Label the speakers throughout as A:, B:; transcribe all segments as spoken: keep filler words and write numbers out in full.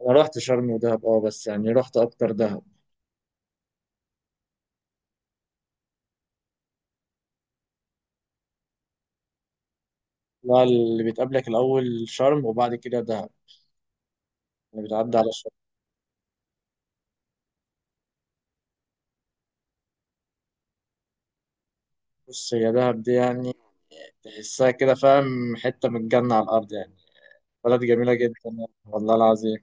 A: انا رحت شرم ودهب اه بس يعني رحت اكتر دهب. لا اللي بتقابلك الاول شرم وبعد كده دهب. يعني بتعدي على شرم. بص هي دهب دي يعني تحسها كده، فاهم، حته من الجنه على الارض يعني. بلد جميله جدا يعني، والله العظيم.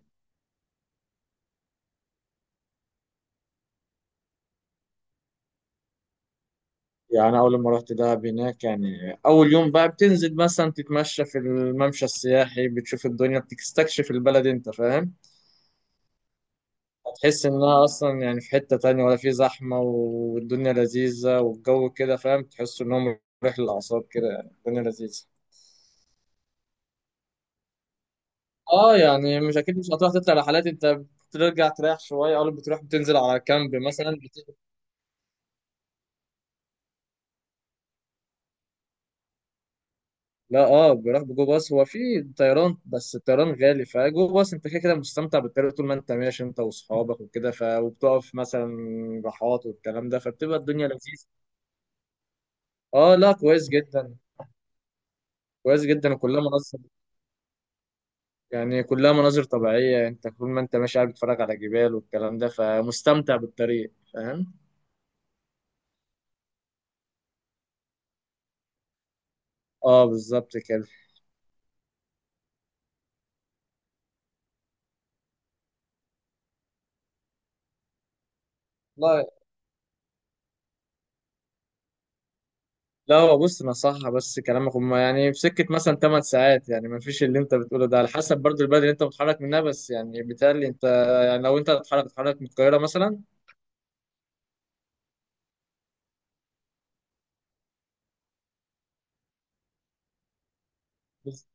A: يعني اول ما رحت دهب هناك، يعني اول يوم بقى بتنزل مثلا تتمشى في الممشى السياحي، بتشوف الدنيا، بتستكشف البلد، انت فاهم. هتحس انها اصلا يعني في حتة تانية، ولا في زحمة، والدنيا لذيذة، والجو كده، فاهم، تحس انهم مريح للاعصاب كده، يعني الدنيا لذيذة. اه يعني مش اكيد مش هتروح تطلع رحلات انت. بترجع تريح شوية، او بتروح بتنزل على كامب مثلا بت... لا اه بروح بجو باص. هو في طيران بس الطيران غالي، فجو باص انت كده كده مستمتع بالطريق طول ما انت ماشي انت واصحابك وكده، ف وبتقف مثلا راحات والكلام ده، فبتبقى الدنيا لذيذة. اه لا كويس جدا. كويس جدا وكلها منظم. يعني كلها مناظر طبيعية، انت طول ما انت ماشي قاعد بتتفرج على جبال والكلام ده، فمستمتع بالطريق فاهم. اه بالظبط كده. والله لا هو بص نصحها بس كلامك، هما يعني في سكة مثلا 8 ساعات، يعني ما فيش اللي انت بتقوله ده، على حسب برضو البلد اللي انت متحرك منها، بس يعني بالتالي انت يعني لو انت هتتحرك تتحرك من القاهرة مثلا. بس-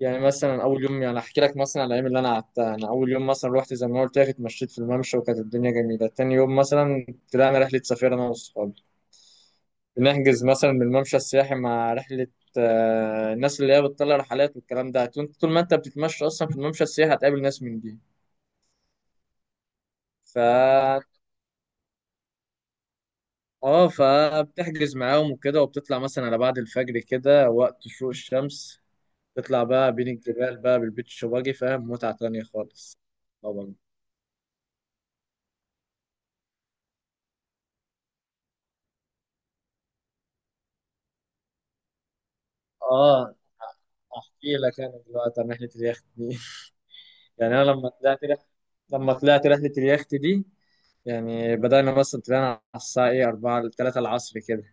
A: يعني مثلا اول يوم، يعني احكي لك مثلا على الايام اللي انا قعدتها. انا اول يوم مثلا رحت زي ما قلت لك اتمشيت في الممشى وكانت الدنيا جميلة. تاني يوم مثلا طلعنا رحلة سفاري انا واصحابي. نحجز مثلا من الممشى السياحي مع رحلة. آه، الناس اللي هي بتطلع رحلات والكلام ده، طول طول ما انت بتتمشى اصلا في الممشى السياحي هتقابل ناس من دي. ف اه فبتحجز معاهم وكده، وبتطلع مثلا على بعد الفجر كده، وقت شروق الشمس. تطلع بقى بين الجبال بقى بالبيتش باجي، فاهم، متعة تانية خالص. طبعا. اه احكي لك انا دلوقتي عن رحلة اليخت دي. يعني انا لما طلعت رح... لما طلعت رحلة اليخت دي، يعني بدأنا مثلا طلعنا على الساعة إيه أربعة لتلاتة العصر كده.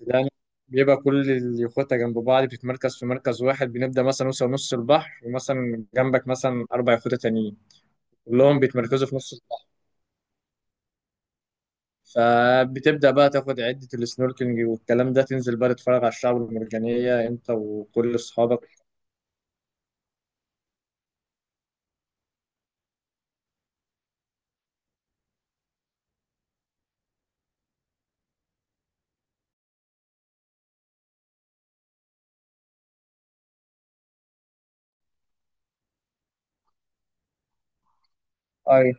A: بدأنا، بيبقى كل اليخوتة جنب بعض بتتمركز في مركز واحد. بنبدأ مثلا نوصل نص البحر، ومثلا جنبك مثلا أربع يخوتة تانيين، كلهم بيتمركزوا في نص البحر. فبتبدأ بقى تاخد عدة السنوركلينج والكلام ده، تنزل بقى تتفرج على الشعب المرجانية أنت وكل أصحابك. أي.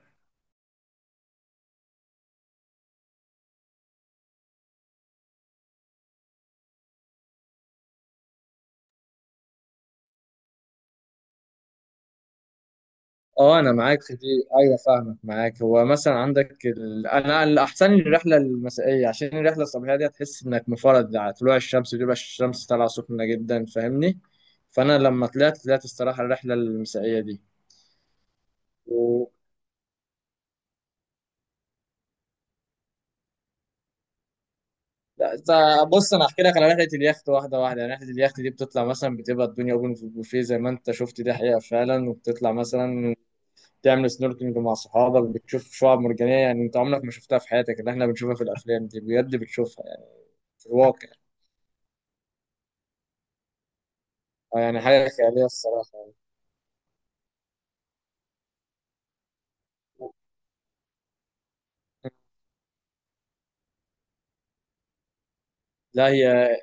A: اه انا معاك في دي. ايوه فاهمك معاك. هو مثلا عندك ال... انا الاحسن لي الرحله المسائيه، عشان الرحله الصباحيه دي هتحس انك مفرد على طلوع الشمس، بيبقى الشمس طالعه سخنه جدا، فاهمني. فانا لما طلعت طلعت الصراحه الرحله المسائيه دي. و... لا ت- بص انا احكي لك على رحله اليخت واحده واحده. يعني رحله اليخت دي بتطلع مثلا، بتبقى الدنيا اوبن في البوفيه زي ما انت شفت، دي حقيقه فعلا. وبتطلع مثلا تعمل سنوركلينج مع صحابك، بتشوف شعاب مرجانيه يعني انت عمرك ما شفتها في حياتك، اللي احنا بنشوفها في الافلام دي بجد بتشوفها يعني في الواقع. آه، يعني حاجة خيالية الصراحة. لا هي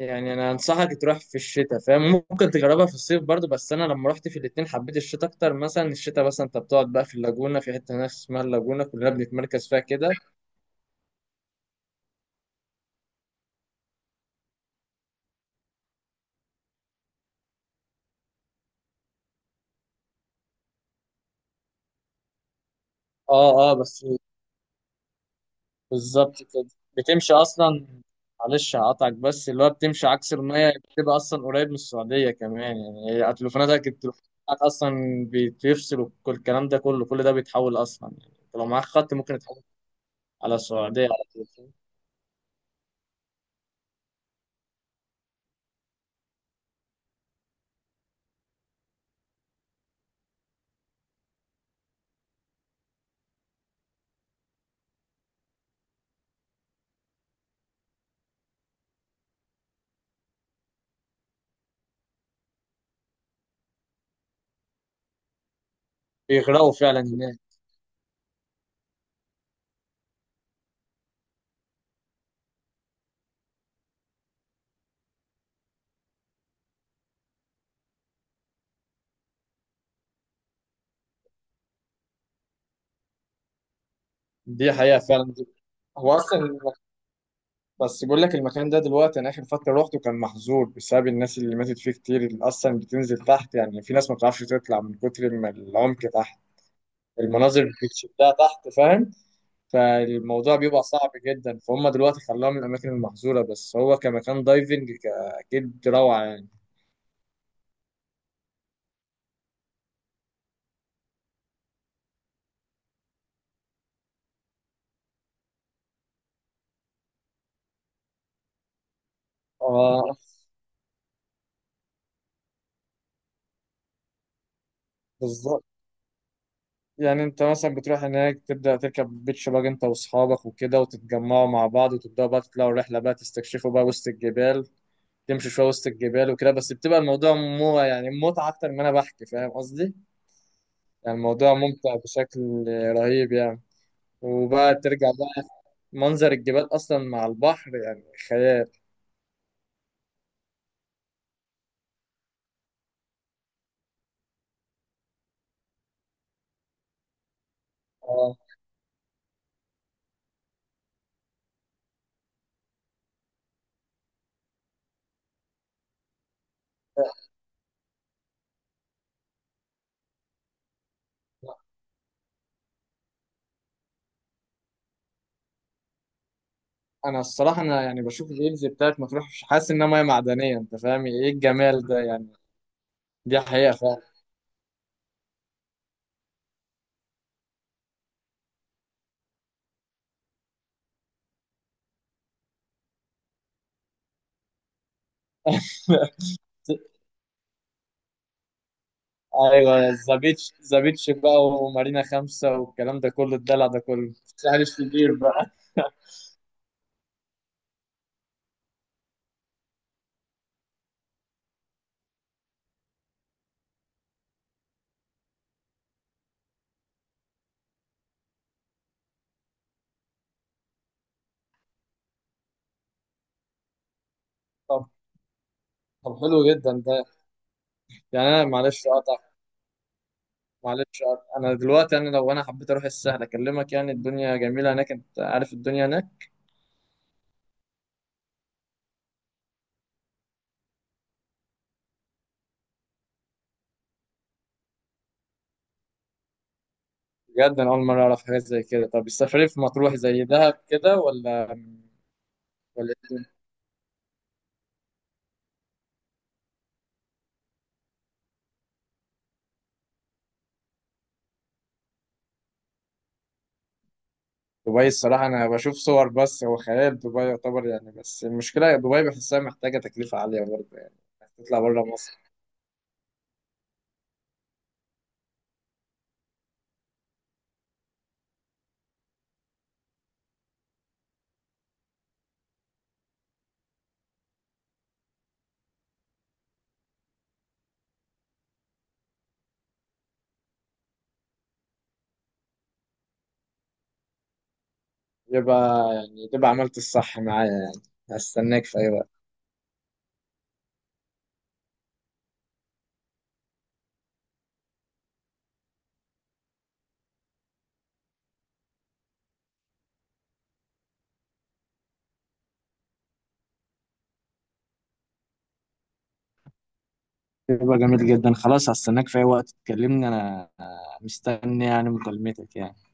A: يعني أنا أنصحك تروح في الشتاء، فاهم. ممكن تجربها في الصيف برضو، بس أنا لما رحت في الاتنين حبيت الشتاء أكتر. مثلا الشتاء مثلا أنت بتقعد بقى في اللاجونة، في حتة هناك اسمها اللاجونة كلنا بنتمركز فيها كده. أه أه بس بالظبط كده. بتمشي أصلا، معلش هقطعك، بس اللي هو بتمشي عكس المية، بتبقى أصلا قريب من السعودية كمان، يعني هي تليفوناتك بتروح أصلا، بيفصل وكل الكلام ده كله، كل ده بيتحول أصلا، يعني لو معاك خط ممكن يتحول على السعودية على طول. بيغرقوا فعلا هناك. دي حقيقة فعلا دي. هو أصلا الم- بس بقول لك المكان ده دلوقتي، أنا آخر فترة روحته كان محظور بسبب الناس اللي ماتت فيه كتير، اللي أصلا بتنزل تحت يعني في ناس ما بتعرفش تطلع من كتر ما العمق تحت، المناظر بتشدها تحت فاهم. فالموضوع بيبقى صعب جدا، فهم دلوقتي خلوها من الأماكن المحظورة، بس هو كمكان دايفنج ك- أكيد روعة يعني. آه بالظبط. يعني انت مثلا بتروح هناك تبدأ تركب بيتش باج انت واصحابك وكده، وتتجمعوا مع بعض وتبدأوا بقى تطلعوا رحلة بقى تستكشفوا بقى وسط الجبال، تمشوا شوية وسط الجبال وكده، بس بتبقى الموضوع مو يعني متعة أكتر ما أنا بحكي، فاهم قصدي؟ يعني الموضوع ممتع بشكل رهيب يعني. وبقى ترجع بقى، منظر الجبال أصلا مع البحر يعني خيال. اه أنا الصراحة أنا يعني بشوف الريلز بتاعت مطروح، مش حاسس إنها مية معدنية، أنت فاهم إيه الجمال ده يعني. دي حقيقة فعلا. ايوه زابيتش زابيتش بقى، ومارينا خمسة والكلام ده كله، الدلع ده كله. مش كبير بقى. طب طب حلو جدا ده. يعني انا معلش اقطع معلش اقطع انا دلوقتي انا لو انا حبيت اروح السهل اكلمك، يعني الدنيا جميله هناك، انت عارف الدنيا هناك. بجد انا اول مره اعرف حاجات زي كده. طب السفريه في مطروح زي دهب كده، ولا ولا إيه الدنيا؟ دبي الصراحه انا بشوف صور، بس هو خيال، دبي يعتبر يعني، بس المشكله دبي بحسها محتاجه تكلفه عاليه برضه يعني. تطلع بره. يبقى يعني تبقى عملت الصح معايا يعني. هستناك في أي وقت. يبقى جميل جدا، خلاص هستناك في أي وقت تكلمني، أنا مستني يعني مكالمتك يعني.